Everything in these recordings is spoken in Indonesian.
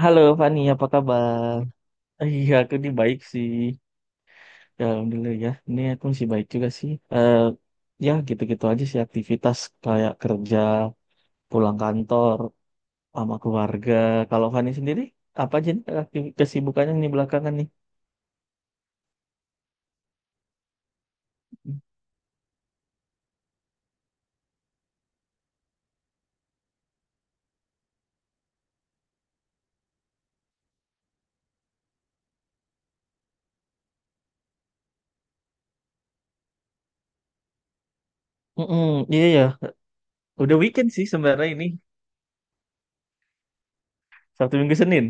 Halo Fani, apa kabar? Iya, aku ini baik sih. Ya, Alhamdulillah ya. Ini aku masih baik juga sih. Ya gitu-gitu aja sih aktivitas kayak kerja, pulang kantor, sama keluarga. Kalau Fani sendiri, apa aja nih kesibukannya nih belakangan nih? Mm-mm, iya ya. Udah weekend sih sebenarnya ini. Sabtu Minggu Senin.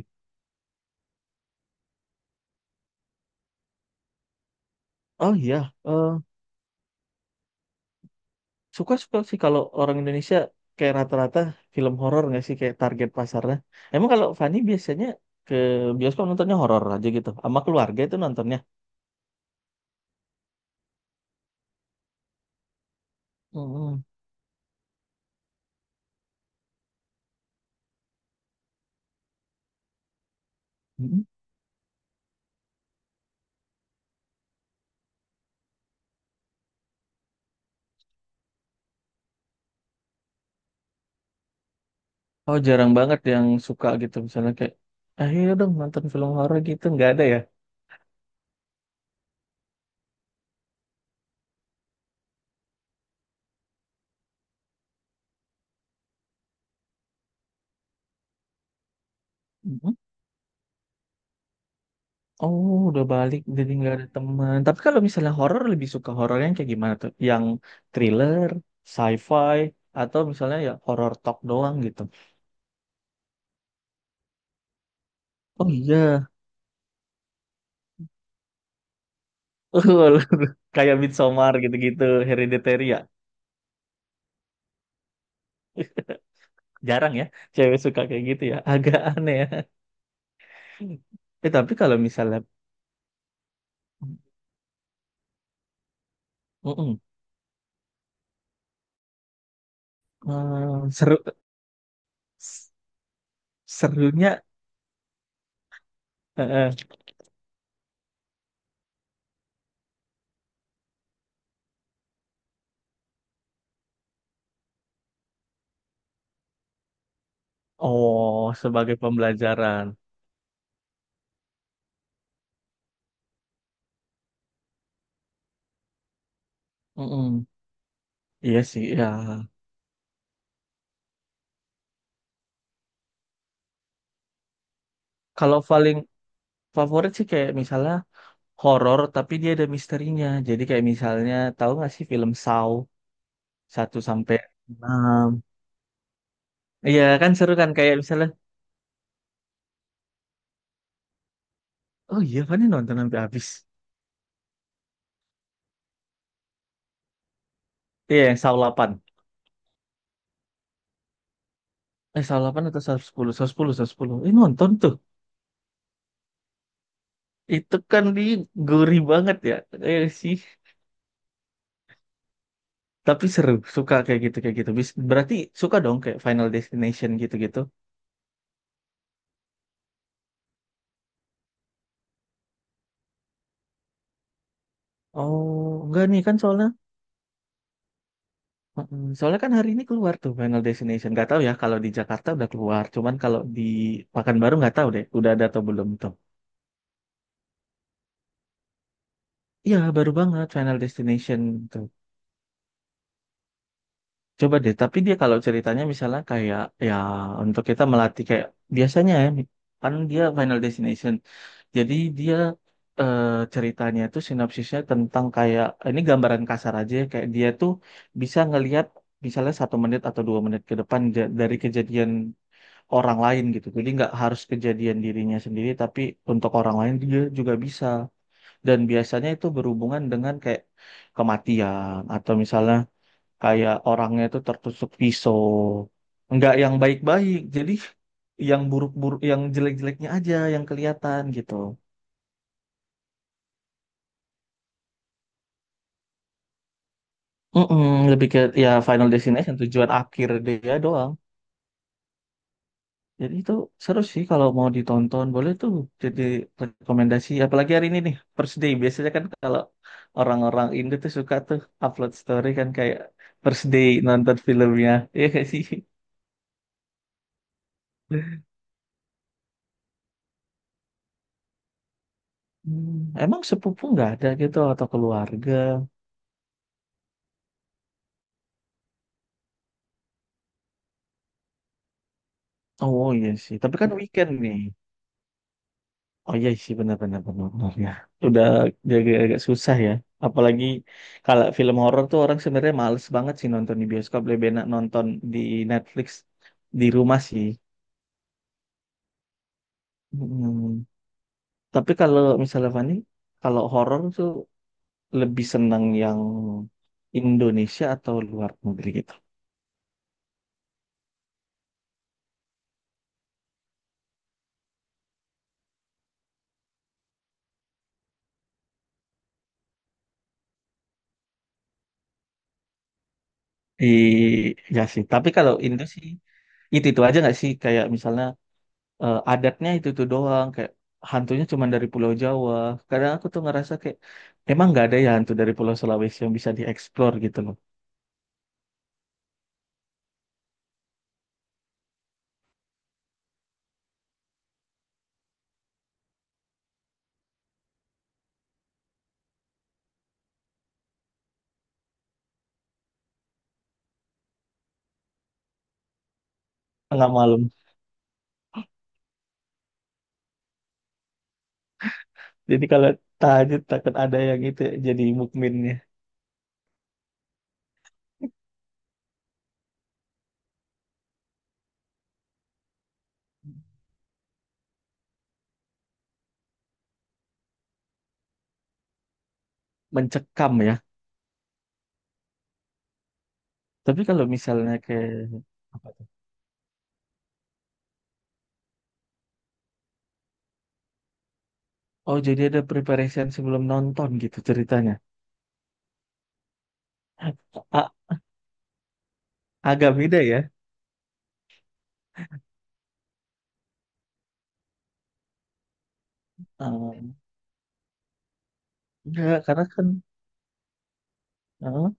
Oh iya. eh, Suka-suka sih kalau orang Indonesia kayak rata-rata film horor nggak sih kayak target pasarnya. Emang kalau Fani biasanya ke bioskop nontonnya horor aja gitu, sama keluarga itu nontonnya. Hmm. Hmm. Oh jarang banget yang suka gitu misalnya kayak, ayo dong nonton film horor gitu nggak ada ya. Hmm. Oh udah balik jadi nggak ada teman. Tapi kalau misalnya horor lebih suka horor yang kayak gimana tuh? Yang thriller, sci-fi, atau misalnya ya horor talk doang gitu. Oh iya. Kayak Midsommar gitu-gitu, Hereditary ya. Jarang ya cewek suka kayak gitu ya. Agak aneh ya. Tapi kalau misalnya mm-mm, seru serunya eh, eh, oh, sebagai pembelajaran. Mm-mm. Iya sih ya. Kalau paling favorit sih kayak misalnya horor tapi dia ada misterinya. Jadi kayak misalnya tahu nggak sih film Saw satu sampai 6. Iya kan seru kan kayak misalnya oh iya kan nonton sampai habis. Iya, yang Saw 8. Saw 8 atau Saw 10, Saw 10, Saw 10. Nonton tuh. Itu kan di gurih banget ya. Sih. Tapi seru, suka kayak gitu, kayak gitu. Berarti suka dong kayak Final Destination gitu-gitu. Oh, enggak nih kan soalnya. Mm-mm. Soalnya kan hari ini keluar tuh Final Destination. Gak tahu ya kalau di Jakarta udah keluar. Cuman kalau di Pekanbaru nggak tahu deh, udah ada atau belum tuh. Iya, baru banget Final Destination tuh. Coba deh, tapi dia kalau ceritanya misalnya kayak ya untuk kita melatih kayak biasanya ya, kan dia Final Destination. Jadi dia eh, ceritanya itu sinopsisnya tentang kayak ini gambaran kasar aja ya, kayak dia tuh bisa ngelihat misalnya 1 menit atau 2 menit ke depan dari kejadian orang lain gitu. Jadi nggak harus kejadian dirinya sendiri, tapi untuk orang lain dia juga bisa. Dan biasanya itu berhubungan dengan kayak kematian atau misalnya kayak orangnya itu tertusuk pisau, nggak yang baik-baik, jadi yang buruk-buruk, yang jelek-jeleknya aja yang kelihatan gitu. Mm-mm, lebih ke ya Final Destination tujuan akhir dia doang, jadi itu seru sih kalau mau ditonton, boleh tuh jadi rekomendasi. Apalagi hari ini nih First Day, biasanya kan kalau orang-orang Indo tuh suka tuh upload story kan kayak First Day nonton filmnya. Ya gak sih. Hmm, emang sepupu nggak ada gitu atau keluarga? Oh iya sih, tapi kan weekend nih. Oh iya sih, benar-benar benar benar, benar, benar, ya. Udah, jadi agak susah ya. Apalagi kalau film horor tuh orang sebenarnya males banget sih nonton di bioskop, lebih enak nonton di Netflix di rumah sih. Mm. Tapi kalau misalnya Fani, kalau horor tuh lebih seneng yang Indonesia atau luar negeri gitu. I, ya sih. Tapi kalau Indo sih itu aja nggak sih? Kayak misalnya adatnya itu tuh doang, kayak hantunya cuma dari Pulau Jawa. Kadang aku tuh ngerasa kayak emang nggak ada ya hantu dari Pulau Sulawesi yang bisa dieksplor gitu loh. Tengah malam, jadi kalau tahajud takut ada yang itu, jadi mukminnya mencekam ya. Tapi kalau misalnya kayak apa tuh? Oh, jadi ada preparation sebelum nonton gitu ceritanya. A- agak beda ya. Eh, enggak karena kan eh,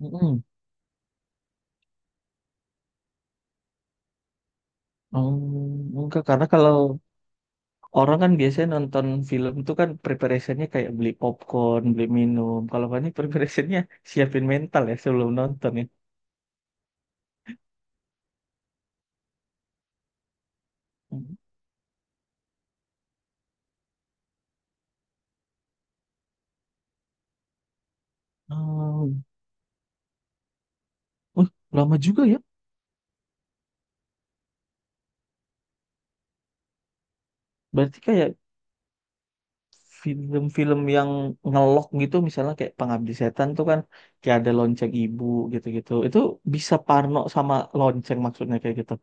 mm-mm. Oh, enggak karena kalau orang kan biasanya nonton film tuh kan preparationnya kayak beli popcorn, beli minum. Kalau Fani preparationnya siapin mental ya sebelum nonton ya. Hmm. Uh, lama juga ya. Berarti kayak film-film yang ngelok gitu misalnya kayak Pengabdi Setan tuh kan kayak ada lonceng ibu gitu-gitu. Itu bisa parno sama lonceng maksudnya kayak gitu.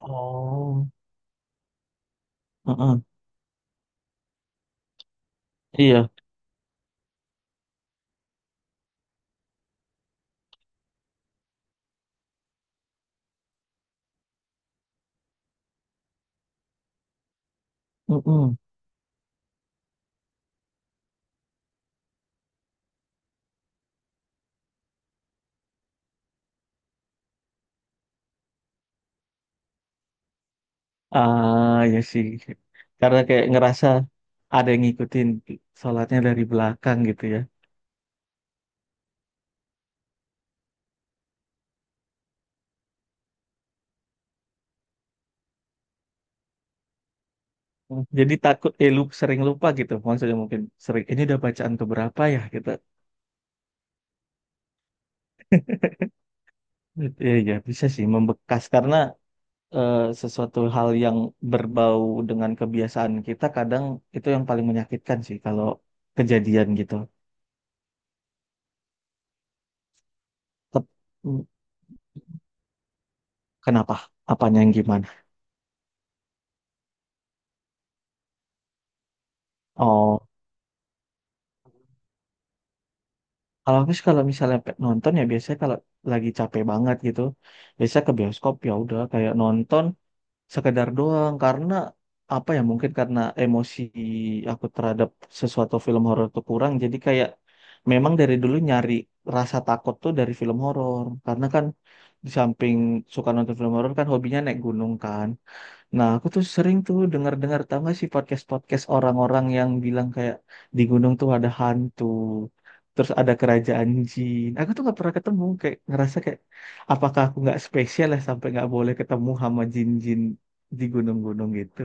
Oh. Heeh. Iya. Heeh. Ah, ya sih. Karena kayak ngerasa ada yang ngikutin sholatnya dari belakang gitu ya. Hmm. Jadi takut sering lupa gitu. Maksudnya mungkin sering ini udah bacaan keberapa ya gitu. Ya, ya bisa sih membekas karena sesuatu hal yang berbau dengan kebiasaan kita, kadang itu yang paling menyakitkan sih kalau kejadian gitu. Tep- Kenapa? Apanya yang gimana? Oh. Kalau habis, kalau misalnya nonton ya, biasanya kalau lagi capek banget gitu, biasanya ke bioskop ya udah kayak nonton sekedar doang, karena apa ya, mungkin karena emosi aku terhadap sesuatu film horor tuh kurang, jadi kayak memang dari dulu nyari rasa takut tuh dari film horor karena kan di samping suka nonton film horor kan hobinya naik gunung kan. Nah, aku tuh sering tuh dengar-dengar, tau gak sih podcast-podcast orang-orang yang bilang kayak di gunung tuh ada hantu, terus ada kerajaan jin. Aku tuh nggak pernah ketemu, kayak ngerasa kayak apakah aku nggak spesial ya sampai nggak boleh ketemu sama jin-jin di gunung-gunung gitu.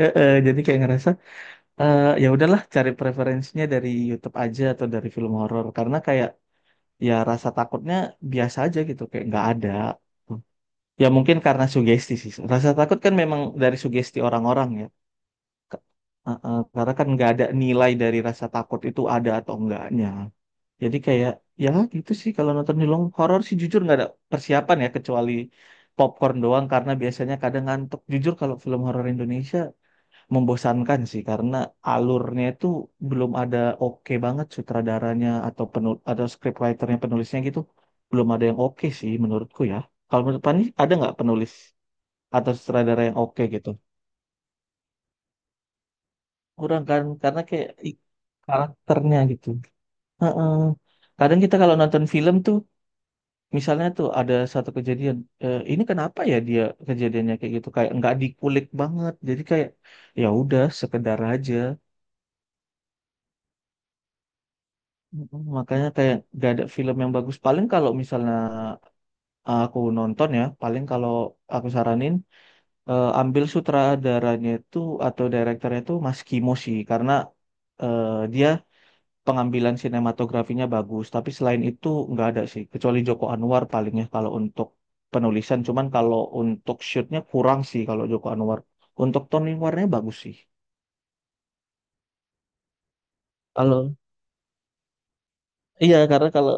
Jadi kayak ngerasa ya udahlah, cari preferensinya dari YouTube aja atau dari film horor, karena kayak ya rasa takutnya biasa aja gitu, kayak nggak ada. Ya mungkin karena sugesti sih. Rasa takut kan memang dari sugesti orang-orang ya. Ke- karena kan nggak ada nilai dari rasa takut itu ada atau enggaknya. Jadi kayak ya gitu sih kalau nonton film horor sih, jujur nggak ada persiapan ya kecuali popcorn doang karena biasanya kadang ngantuk. Jujur kalau film horor Indonesia membosankan sih karena alurnya itu belum ada oke banget, sutradaranya atau penul atau scriptwriternya, penulisnya gitu, belum ada yang oke sih menurutku ya. Kalau menurut Pani ada nggak penulis atau sutradara yang oke gitu? Kurang kan karena kayak karakternya gitu. Heeh. Kadang kita kalau nonton film tuh misalnya tuh ada satu kejadian, ini kenapa ya dia kejadiannya kayak gitu, kayak nggak dikulik banget, jadi kayak ya udah, sekedar aja. Makanya kayak gak ada film yang bagus, paling kalau misalnya aku nonton ya paling kalau aku saranin ambil sutradaranya itu atau direkturnya itu Mas Kimo sih karena eh, dia pengambilan sinematografinya bagus. Tapi selain itu nggak ada sih, kecuali Joko Anwar palingnya kalau untuk penulisan. Cuman kalau untuk shootnya kurang sih kalau Joko Anwar. Untuk Tony Warnanya bagus sih. Kalau iya, karena kalau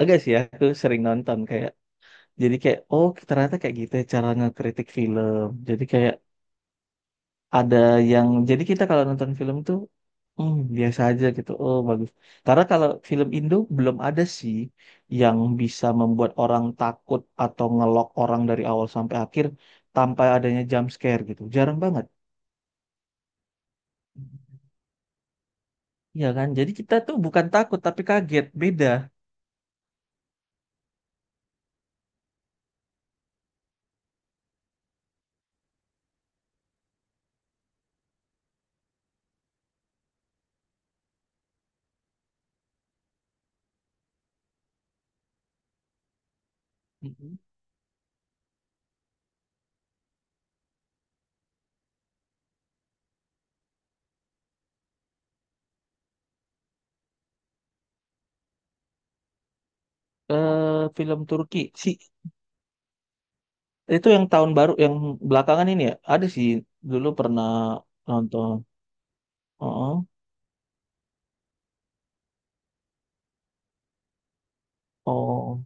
agak sih ya, aku sering nonton kayak, jadi kayak oh ternyata kayak gitu ya cara ngekritik film. Jadi kayak ada yang jadi kita kalau nonton film tuh biasa aja gitu, oh bagus, karena kalau film Indo belum ada sih yang bisa membuat orang takut atau ngelok orang dari awal sampai akhir tanpa adanya jump scare gitu, jarang banget. Iya kan, jadi kita tuh bukan takut tapi kaget, beda. Mhm. Film Turki sih, itu yang tahun baru yang belakangan ini ya ada sih, dulu pernah nonton. Oh, oh.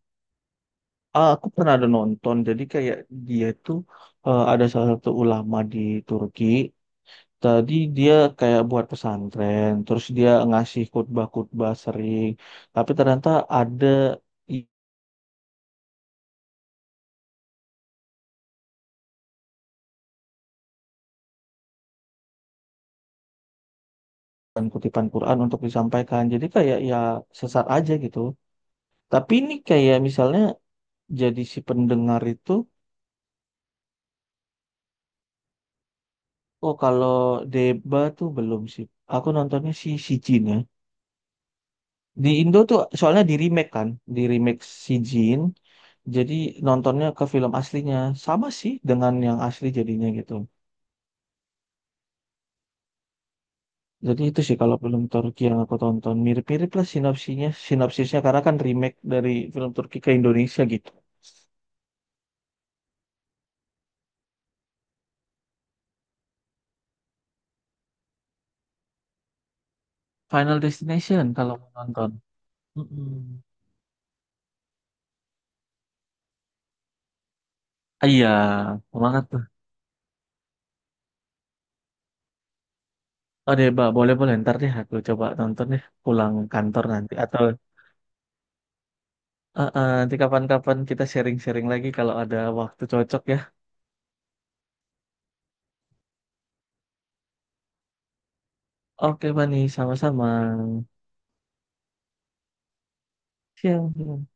Ah, aku pernah ada nonton, jadi kayak dia tuh ada salah satu ulama di Turki. Tadi dia kayak buat pesantren, terus dia ngasih khutbah-khutbah sering, tapi ternyata ada kutipan-kutipan Quran untuk disampaikan. Jadi kayak ya sesat aja gitu. Tapi ini kayak misalnya jadi si pendengar itu. Oh kalau Deba tuh belum sih. Aku nontonnya si si Jin ya. Di Indo tuh soalnya di remake kan, di remake si Jin. Jadi nontonnya ke film aslinya, sama sih dengan yang asli jadinya gitu. Jadi itu sih kalau film Turki yang aku tonton mirip-mirip lah sinopsinya, sinopsisnya, karena kan remake dari film Turki ke Indonesia gitu. Final Destination kalau mau nonton. Mm-mm. Ah, iya, banget tuh. Oh deh, Mbak, boleh-boleh ntar deh aku coba nonton deh pulang kantor nanti atau nanti kapan-kapan kita sharing-sharing lagi kalau ada waktu cocok ya. Oke, Bani, sama-sama. Siang.